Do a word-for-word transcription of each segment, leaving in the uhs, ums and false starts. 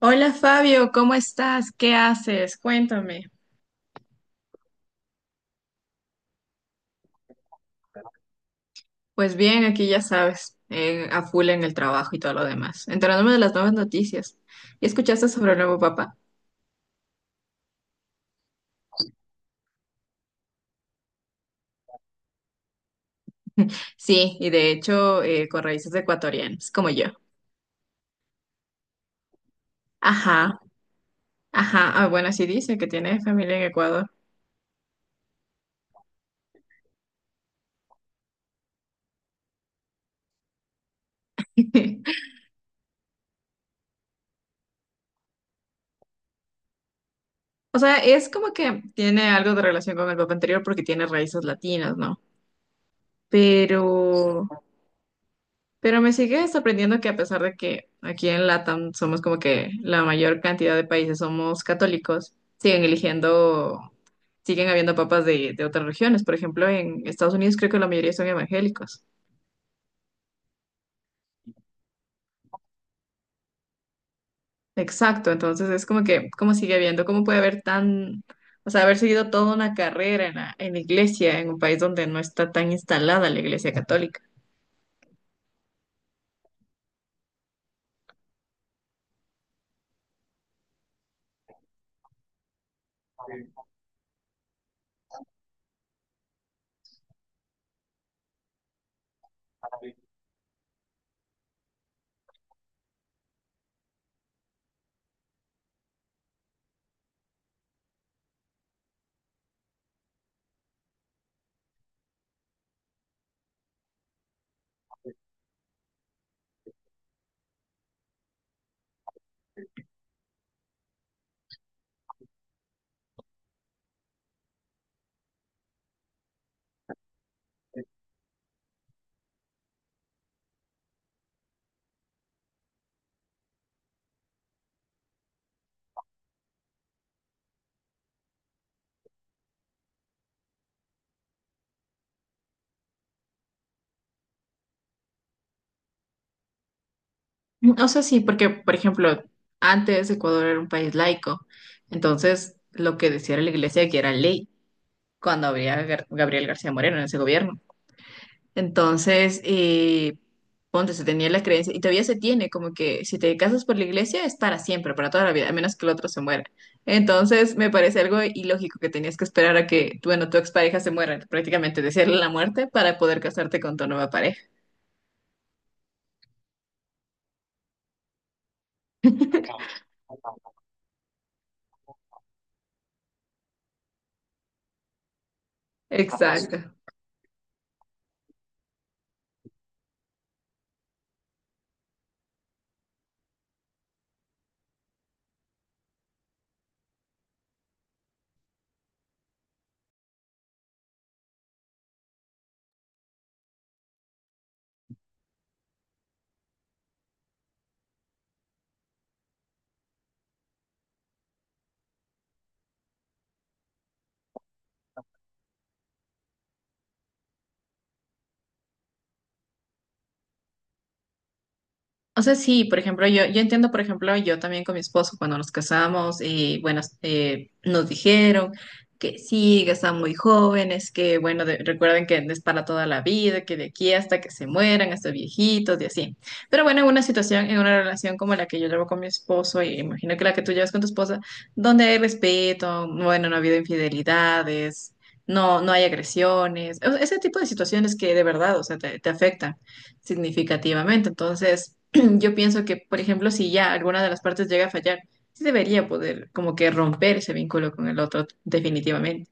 Hola Fabio, ¿cómo estás? ¿Qué haces? Cuéntame. Pues bien, aquí ya sabes, en- a full en el trabajo y todo lo demás, enterándome de las nuevas noticias. ¿Y escuchaste sobre el nuevo Papa? Sí, y de hecho eh, con raíces ecuatorianas, como yo. Ajá, ajá. Ah, bueno, así dice que tiene familia en Ecuador. O sea, es como que tiene algo de relación con el Papa anterior porque tiene raíces latinas, ¿no? Pero Pero me sigue sorprendiendo que a pesar de que aquí en LATAM somos como que la mayor cantidad de países somos católicos, siguen eligiendo, siguen habiendo papas de, de otras regiones. Por ejemplo, en Estados Unidos creo que la mayoría son evangélicos. Exacto, entonces es como que, ¿cómo sigue habiendo? ¿Cómo puede haber tan, o sea, haber seguido toda una carrera en la, en la iglesia, en un país donde no está tan instalada la iglesia católica? O sea, sí, porque, por ejemplo, antes Ecuador era un país laico, entonces lo que decía la iglesia que era ley cuando había Gar- Gabriel García Moreno en ese gobierno. Entonces, eh, ponte, se tenía la creencia, y todavía se tiene, como que si te casas por la iglesia es para siempre, para toda la vida, a menos que el otro se muera. Entonces, me parece algo ilógico que tenías que esperar a que, bueno, tu expareja se muera, prácticamente desearle la muerte para poder casarte con tu nueva pareja. Ah, pues exacto. O sea, sí, por ejemplo, yo, yo entiendo, por ejemplo, yo también con mi esposo cuando nos casamos, y bueno, eh, nos dijeron que sí, que están muy jóvenes, que bueno, de- recuerden que es para toda la vida, que de aquí hasta que se mueran, hasta viejitos y así. Pero bueno, en una situación, en una relación como la que yo llevo con mi esposo, y imagino que la que tú llevas con tu esposa, donde hay respeto, bueno, no ha habido infidelidades, no, no hay agresiones, o sea, ese tipo de situaciones que de verdad, o sea, te te afectan significativamente. Entonces, yo pienso que, por ejemplo, si ya alguna de las partes llega a fallar, sí debería poder como que romper ese vínculo con el otro definitivamente.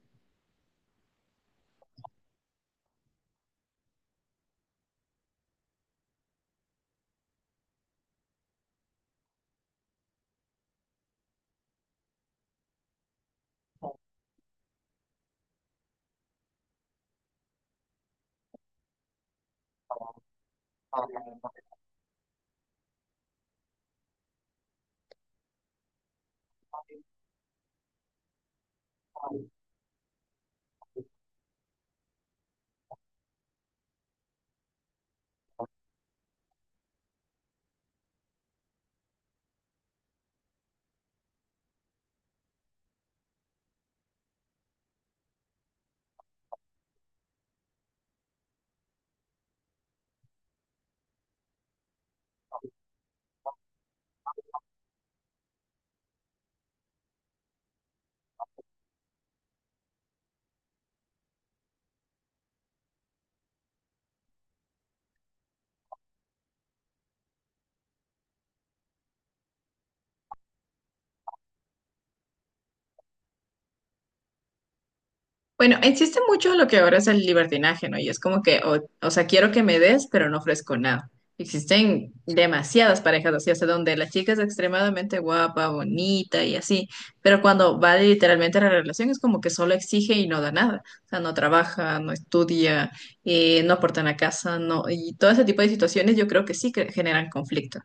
Bueno, existe mucho lo que ahora es el libertinaje, ¿no? Y es como que, o, o sea, quiero que me des, pero no ofrezco nada. Existen demasiadas parejas así, hasta donde la chica es extremadamente guapa, bonita y así, pero cuando va literalmente a la relación es como que solo exige y no da nada. O sea, no trabaja, no estudia, eh, no aporta en la casa, no, y todo ese tipo de situaciones yo creo que sí que generan conflicto.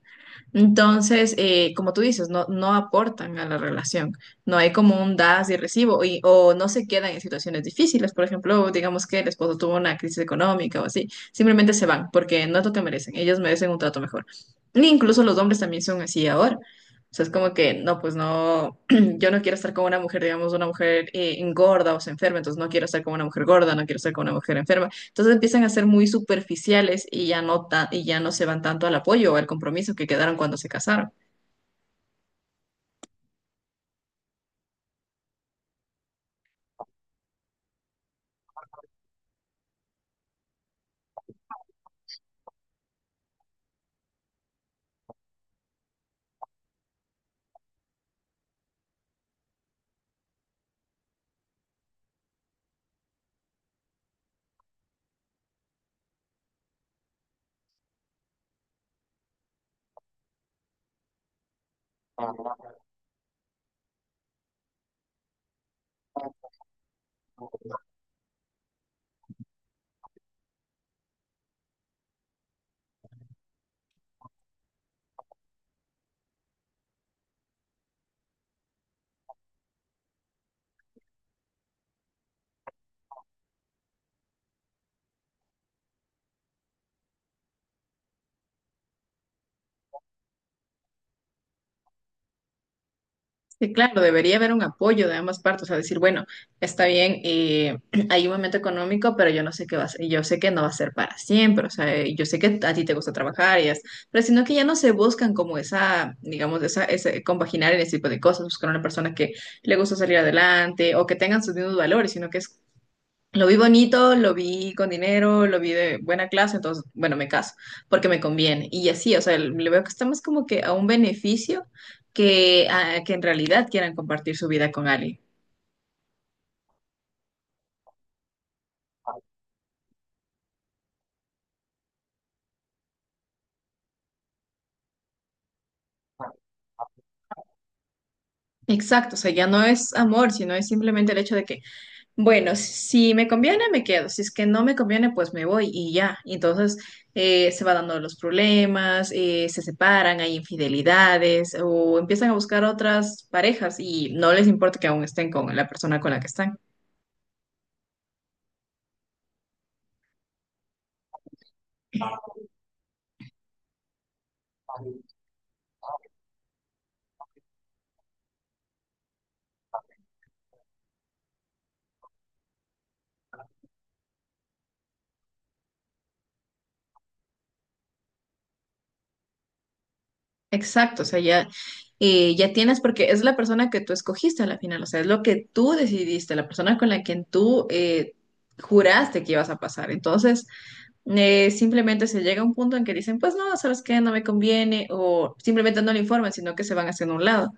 Entonces, eh, como tú dices, no, no aportan a la relación. No hay como un das y recibo y, o no se quedan en situaciones difíciles. Por ejemplo, digamos que el esposo tuvo una crisis económica o así. Simplemente se van porque no es lo que merecen. Ellos merecen un trato mejor. E incluso los hombres también son así ahora. O sea, es como que, no, pues no, yo no quiero estar con una mujer, digamos, una mujer eh, engorda o se enferma, entonces no quiero estar con una mujer gorda, no quiero estar con una mujer enferma. Entonces empiezan a ser muy superficiales y ya no ta- y ya no se van tanto al apoyo o al compromiso que quedaron cuando se casaron. Sí, claro, debería haber un apoyo de ambas partes, o sea, decir, bueno, está bien, eh, hay un momento económico, pero yo no sé qué va a ser, yo sé que no va a ser para siempre, o sea, eh, yo sé que a ti te gusta trabajar y es, pero sino que ya no se buscan como esa, digamos, esa, ese compaginar en ese tipo de cosas, buscar una persona que le gusta salir adelante o que tengan sus mismos valores, sino que es lo vi bonito, lo vi con dinero, lo vi de buena clase, entonces, bueno, me caso porque me conviene. Y así, o sea, le veo que está más como que a un beneficio que, a- que en realidad quieran compartir su vida con alguien. Exacto, o sea, ya no es amor, sino es simplemente el hecho de que, bueno, si me conviene, me quedo, si es que no me conviene, pues me voy y ya. Y entonces, eh, se van dando los problemas, eh, se separan, hay infidelidades o empiezan a buscar otras parejas y no les importa que aún estén con la persona con la que están. Exacto, o sea, ya, eh, ya tienes, porque es la persona que tú escogiste a la final, o sea, es lo que tú decidiste, la persona con la que tú eh, juraste que ibas a pasar. Entonces, eh, simplemente se llega a un punto en que dicen, pues no, sabes qué, no me conviene, o simplemente no le informan, sino que se van haciendo a un lado.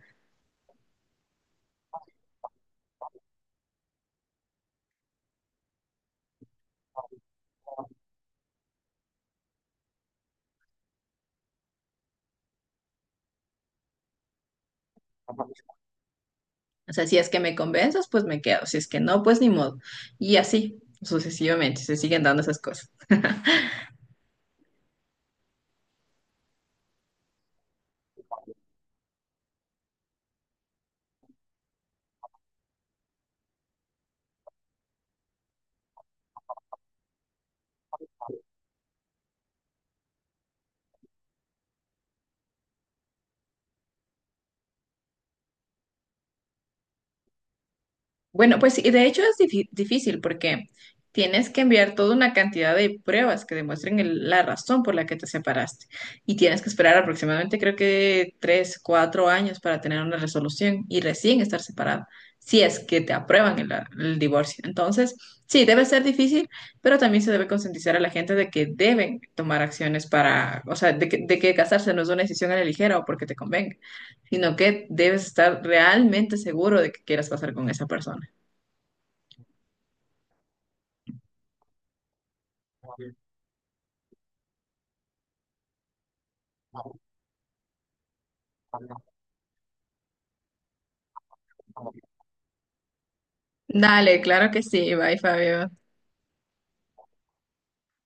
O sea, si es que me convences, pues me quedo, si es que no, pues ni modo. Y así, sucesivamente, se siguen dando esas cosas. Bueno, pues sí, de hecho es difí- difícil porque tienes que enviar toda una cantidad de pruebas que demuestren el- la razón por la que te separaste y tienes que esperar aproximadamente creo que tres, cuatro años para tener una resolución y recién estar separado, si es que te aprueban el, el divorcio. Entonces, sí, debe ser difícil, pero también se debe concientizar a la gente de que deben tomar acciones para, o sea, de que, de que casarse no es una decisión a la ligera o porque te convenga, sino que debes estar realmente seguro de que quieras pasar con esa persona. Dale, claro que sí. Bye, Fabio.